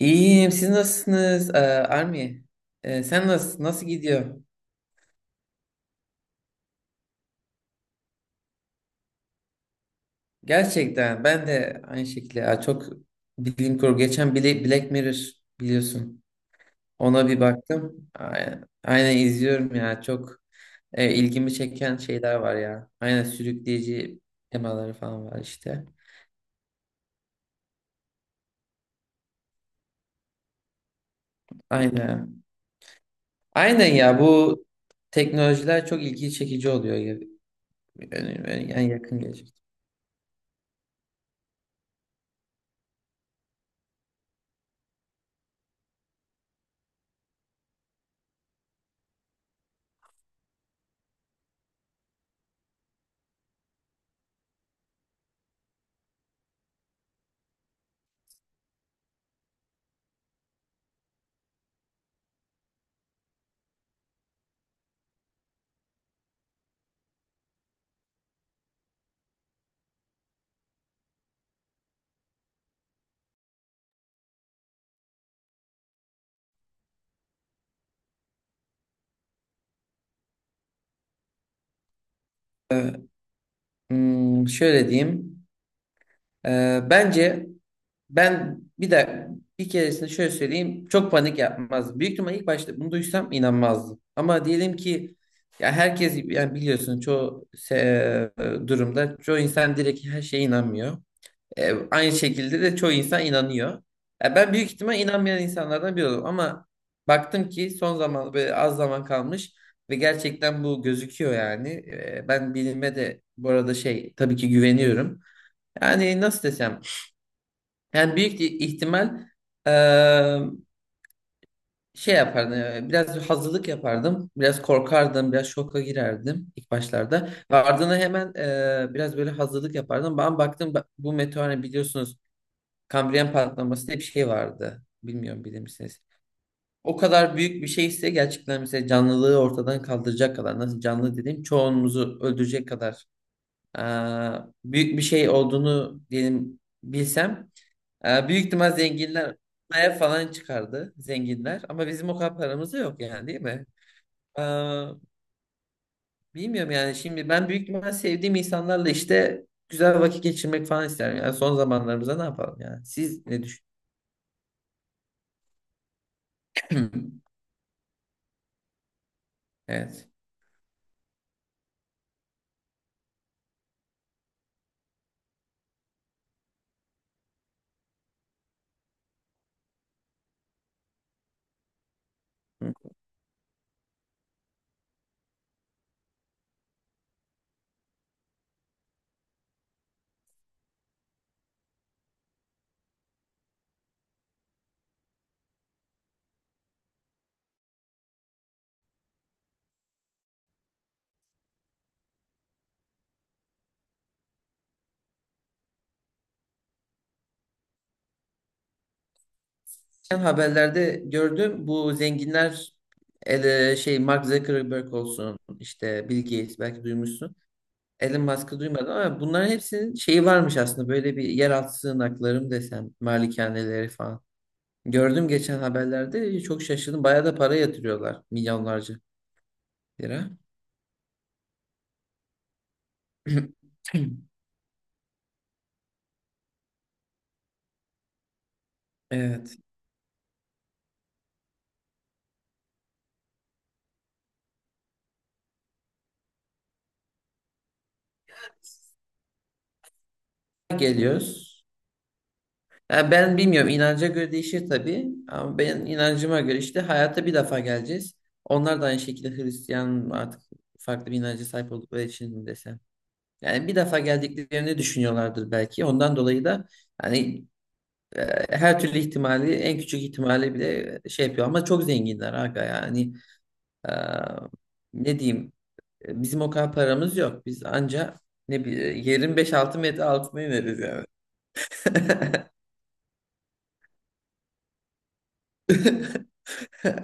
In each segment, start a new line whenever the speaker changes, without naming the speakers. İyiyim. Siz nasılsınız? Army, sen nasıl gidiyor? Gerçekten ben de aynı şekilde çok bilim kurgu. Geçen Black Mirror biliyorsun. Ona bir baktım. Aynen, aynen izliyorum ya. Çok ilgimi çeken şeyler var ya. Aynen sürükleyici temaları falan var işte. Aynen. Aynen ya bu teknolojiler çok ilgi çekici oluyor. Yani, yakın gelecek. Ee, Şöyle diyeyim. Bence ben bir de bir keresinde şöyle söyleyeyim çok panik yapmazdım. Büyük ihtimal ilk başta bunu duysam inanmazdım. Ama diyelim ki ya herkes yani biliyorsun çoğu durumda çoğu insan direkt her şeye inanmıyor. Aynı şekilde de çoğu insan inanıyor. Ya ben büyük ihtimal inanmayan insanlardan biri oldum ama baktım ki son zaman böyle az zaman kalmış ve gerçekten bu gözüküyor yani. Ben bilime de bu arada şey tabii ki güveniyorum. Yani nasıl desem yani büyük ihtimal eee, şey yapardım. Biraz hazırlık yapardım. Biraz korkardım. Biraz şoka girerdim ilk başlarda. Ve ardına hemen biraz böyle hazırlık yapardım. Ben baktım bu meteor hani biliyorsunuz Kambriyen patlaması diye bir şey vardı. Bilmiyorum bilir misiniz? O kadar büyük bir şey ise gerçekten mesela canlılığı ortadan kaldıracak kadar nasıl canlı dediğim çoğunumuzu öldürecek kadar eee, büyük bir şey olduğunu diyelim bilsem büyük ihtimal zenginler ev falan çıkardı zenginler ama bizim o kadar paramız da yok yani değil mi? Ee, Bilmiyorum yani şimdi ben büyük ihtimal sevdiğim insanlarla işte güzel vakit geçirmek falan isterim. Yani son zamanlarımızda ne yapalım yani? Siz ne düşünüyorsunuz? Evet. Hı. Geçen haberlerde gördüm bu zenginler şey Mark Zuckerberg olsun işte Bill Gates belki duymuşsun. Elon Musk'ı duymadım ama bunların hepsinin şeyi varmış aslında böyle bir yeraltı sığınakları mı desem malikaneleri falan. Gördüm geçen haberlerde çok şaşırdım. Bayağı da para yatırıyorlar. Milyonlarca lira. Evet. Geliyoruz. Ya ben bilmiyorum inanca göre değişir tabii. Ama ben inancıma göre işte hayata bir defa geleceğiz. Onlar da aynı şekilde Hristiyan artık farklı bir inanca sahip oldukları için mi desem. Yani bir defa geldiklerini düşünüyorlardır belki. Ondan dolayı da hani e, her türlü ihtimali en küçük ihtimali bile şey yapıyor. Ama çok zenginler aga yani. e, Ne diyeyim. Bizim o kadar paramız yok. Biz anca ne bileyim yerin beş altı metre altına ineriz yani.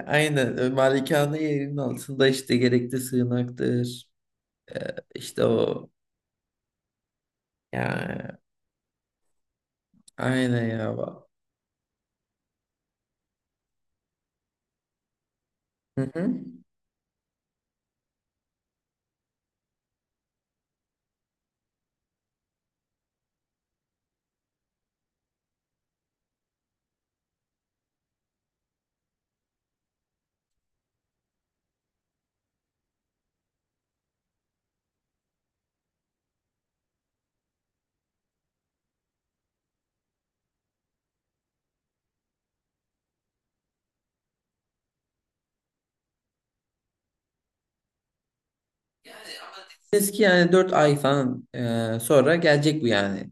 Aynen. Malikane yerinin altında işte gerekli sığınaktır. İşte o. Yani aynen ya. Hı hı. Eski yani 4 ay falan sonra gelecek bu yani.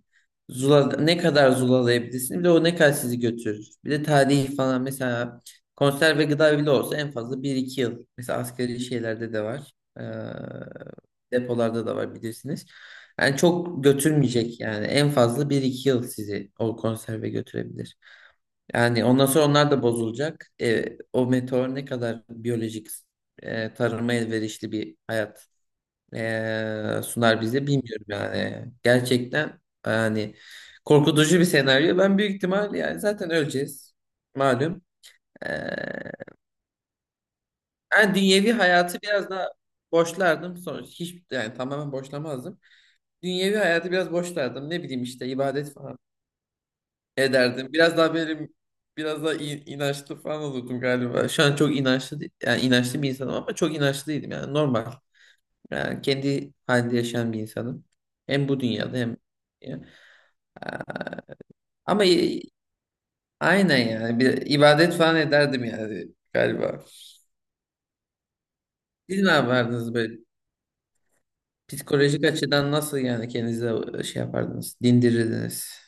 Zula, ne kadar zulalayabilirsin bir de o ne kadar sizi götürür. Bir de tarihi falan mesela konserve gıda bile olsa en fazla bir iki yıl. Mesela asgari şeylerde de var. E, Depolarda da var bilirsiniz. Yani çok götürmeyecek yani en fazla bir iki yıl sizi o konserve götürebilir. Yani ondan sonra onlar da bozulacak. O meteor ne kadar biyolojik tarıma elverişli bir hayat sunar bize bilmiyorum yani. Gerçekten yani korkutucu bir senaryo. Ben büyük ihtimal yani zaten öleceğiz. Malum. Eee ben dünyevi hayatı biraz daha boşlardım. Sonra hiç yani tamamen boşlamazdım. Dünyevi hayatı biraz boşlardım. Ne bileyim işte ibadet falan ederdim. Biraz daha benim biraz daha inançlı falan olurdum galiba. Şu an çok inançlı yani inançlı bir insanım ama çok inançlıydım yani normal. Yani kendi halinde yaşayan bir insanım. Hem bu dünyada hem ya. Aa, Ama aynen yani bir ibadet falan ederdim yani galiba. Siz ne yapardınız böyle? Psikolojik açıdan nasıl yani kendinize şey yapardınız? Dindirirdiniz.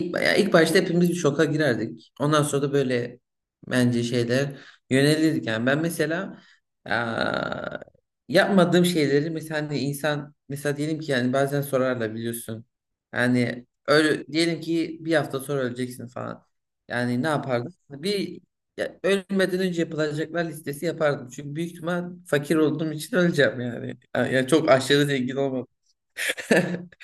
Bayağı ilk başta hepimiz bir şoka girerdik. Ondan sonra da böyle bence şeyler yönelirdik. Yani ben mesela eee, yapmadığım şeyleri mesela hani insan mesela diyelim ki yani bazen sorarlar biliyorsun. Yani öyle diyelim ki bir hafta sonra öleceksin falan. Yani ne yapardım? Bir ya, ölmeden önce yapılacaklar listesi yapardım. Çünkü büyük ihtimal fakir olduğum için öleceğim yani. Yani çok aşırı zengin olmadım.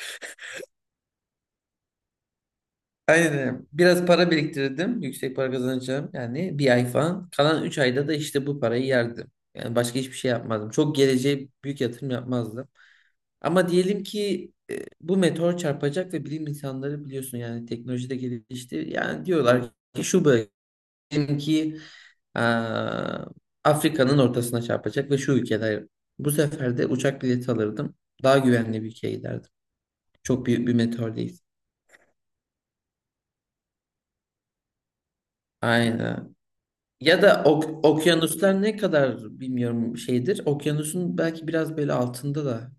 Aynen. Biraz para biriktirdim. Yüksek para kazanacağım. Yani bir ay falan. Kalan 3 ayda da işte bu parayı yerdim. Yani başka hiçbir şey yapmadım. Çok geleceğe büyük yatırım yapmazdım. Ama diyelim ki bu meteor çarpacak ve bilim insanları biliyorsun yani teknoloji de gelişti. Yani diyorlar ki şu bölge diyelim ki aa, Afrika'nın ortasına çarpacak ve şu ülkeler. Bu sefer de uçak bileti alırdım. Daha güvenli bir ülkeye giderdim. Çok büyük bir meteor değil. Aynen. Ya da okyanuslar ne kadar bilmiyorum şeydir. Okyanusun belki biraz böyle altında da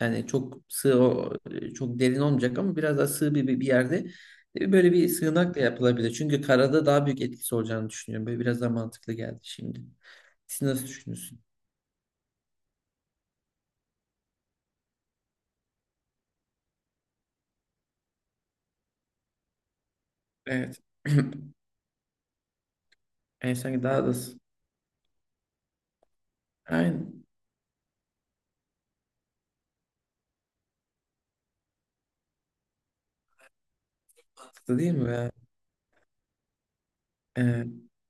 yani çok sığ çok derin olmayacak ama biraz daha sığ bir yerde böyle bir sığınak da yapılabilir. Çünkü karada daha büyük etkisi olacağını düşünüyorum. Böyle biraz daha mantıklı geldi şimdi. Siz nasıl düşünüyorsunuz? Evet. Yani sanki daha da aynı mantıklı değil mi? Ya? Ee,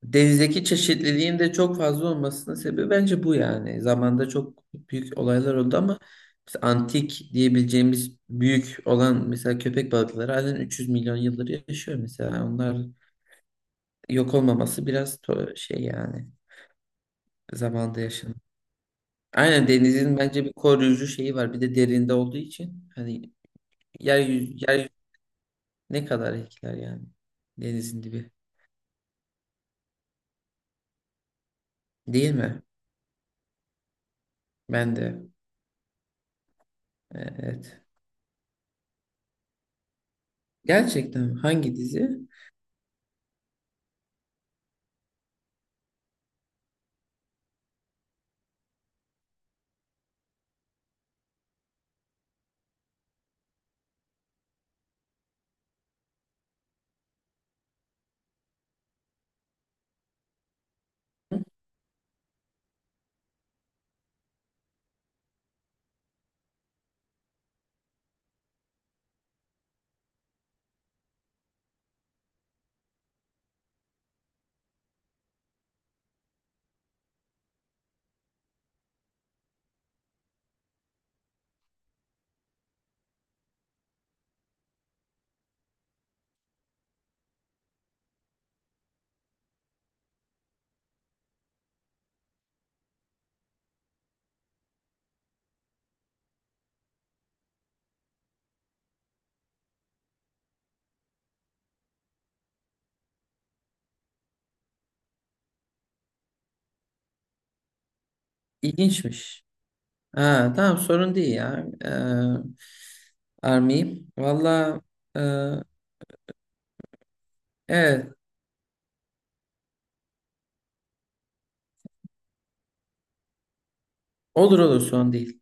Denizdeki çeşitliliğin de çok fazla olmasının sebebi bence bu yani. Zamanda çok büyük olaylar oldu ama mesela antik diyebileceğimiz büyük olan mesela köpek balıkları halen 300 milyon yıldır yaşıyor mesela. Onlar yok olmaması biraz şey yani zamanda yaşanıyor. Aynen denizin bence bir koruyucu şeyi var. Bir de derinde olduğu için hani yeryüzü ne kadar etkiler yani denizin dibi. Değil mi? Ben de. Evet. Gerçekten hangi dizi? İlginçmiş. Ha, tamam sorun değil ya. Army. Valla e, evet olur olur sorun değil.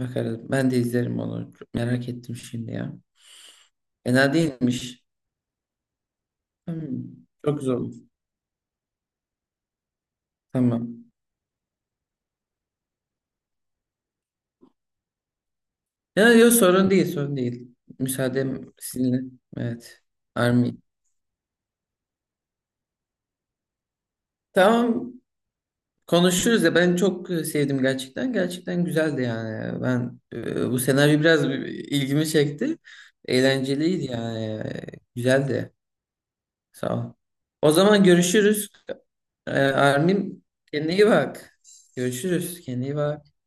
Bakarız. Ben de izlerim onu. Çok merak ettim şimdi ya. Fena değilmiş. Hmm, Çok güzel olur. Tamam. Ya yok sorun değil sorun değil. Müsaadem sizinle. Evet. Army. Tamam. Konuşuruz ya ben çok sevdim gerçekten. Gerçekten güzeldi yani. Ben bu senaryo biraz ilgimi çekti. Eğlenceliydi yani. Güzeldi. Sağ ol. O zaman görüşürüz. Armin, kendine iyi bak. Görüşürüz. Kendine iyi bak.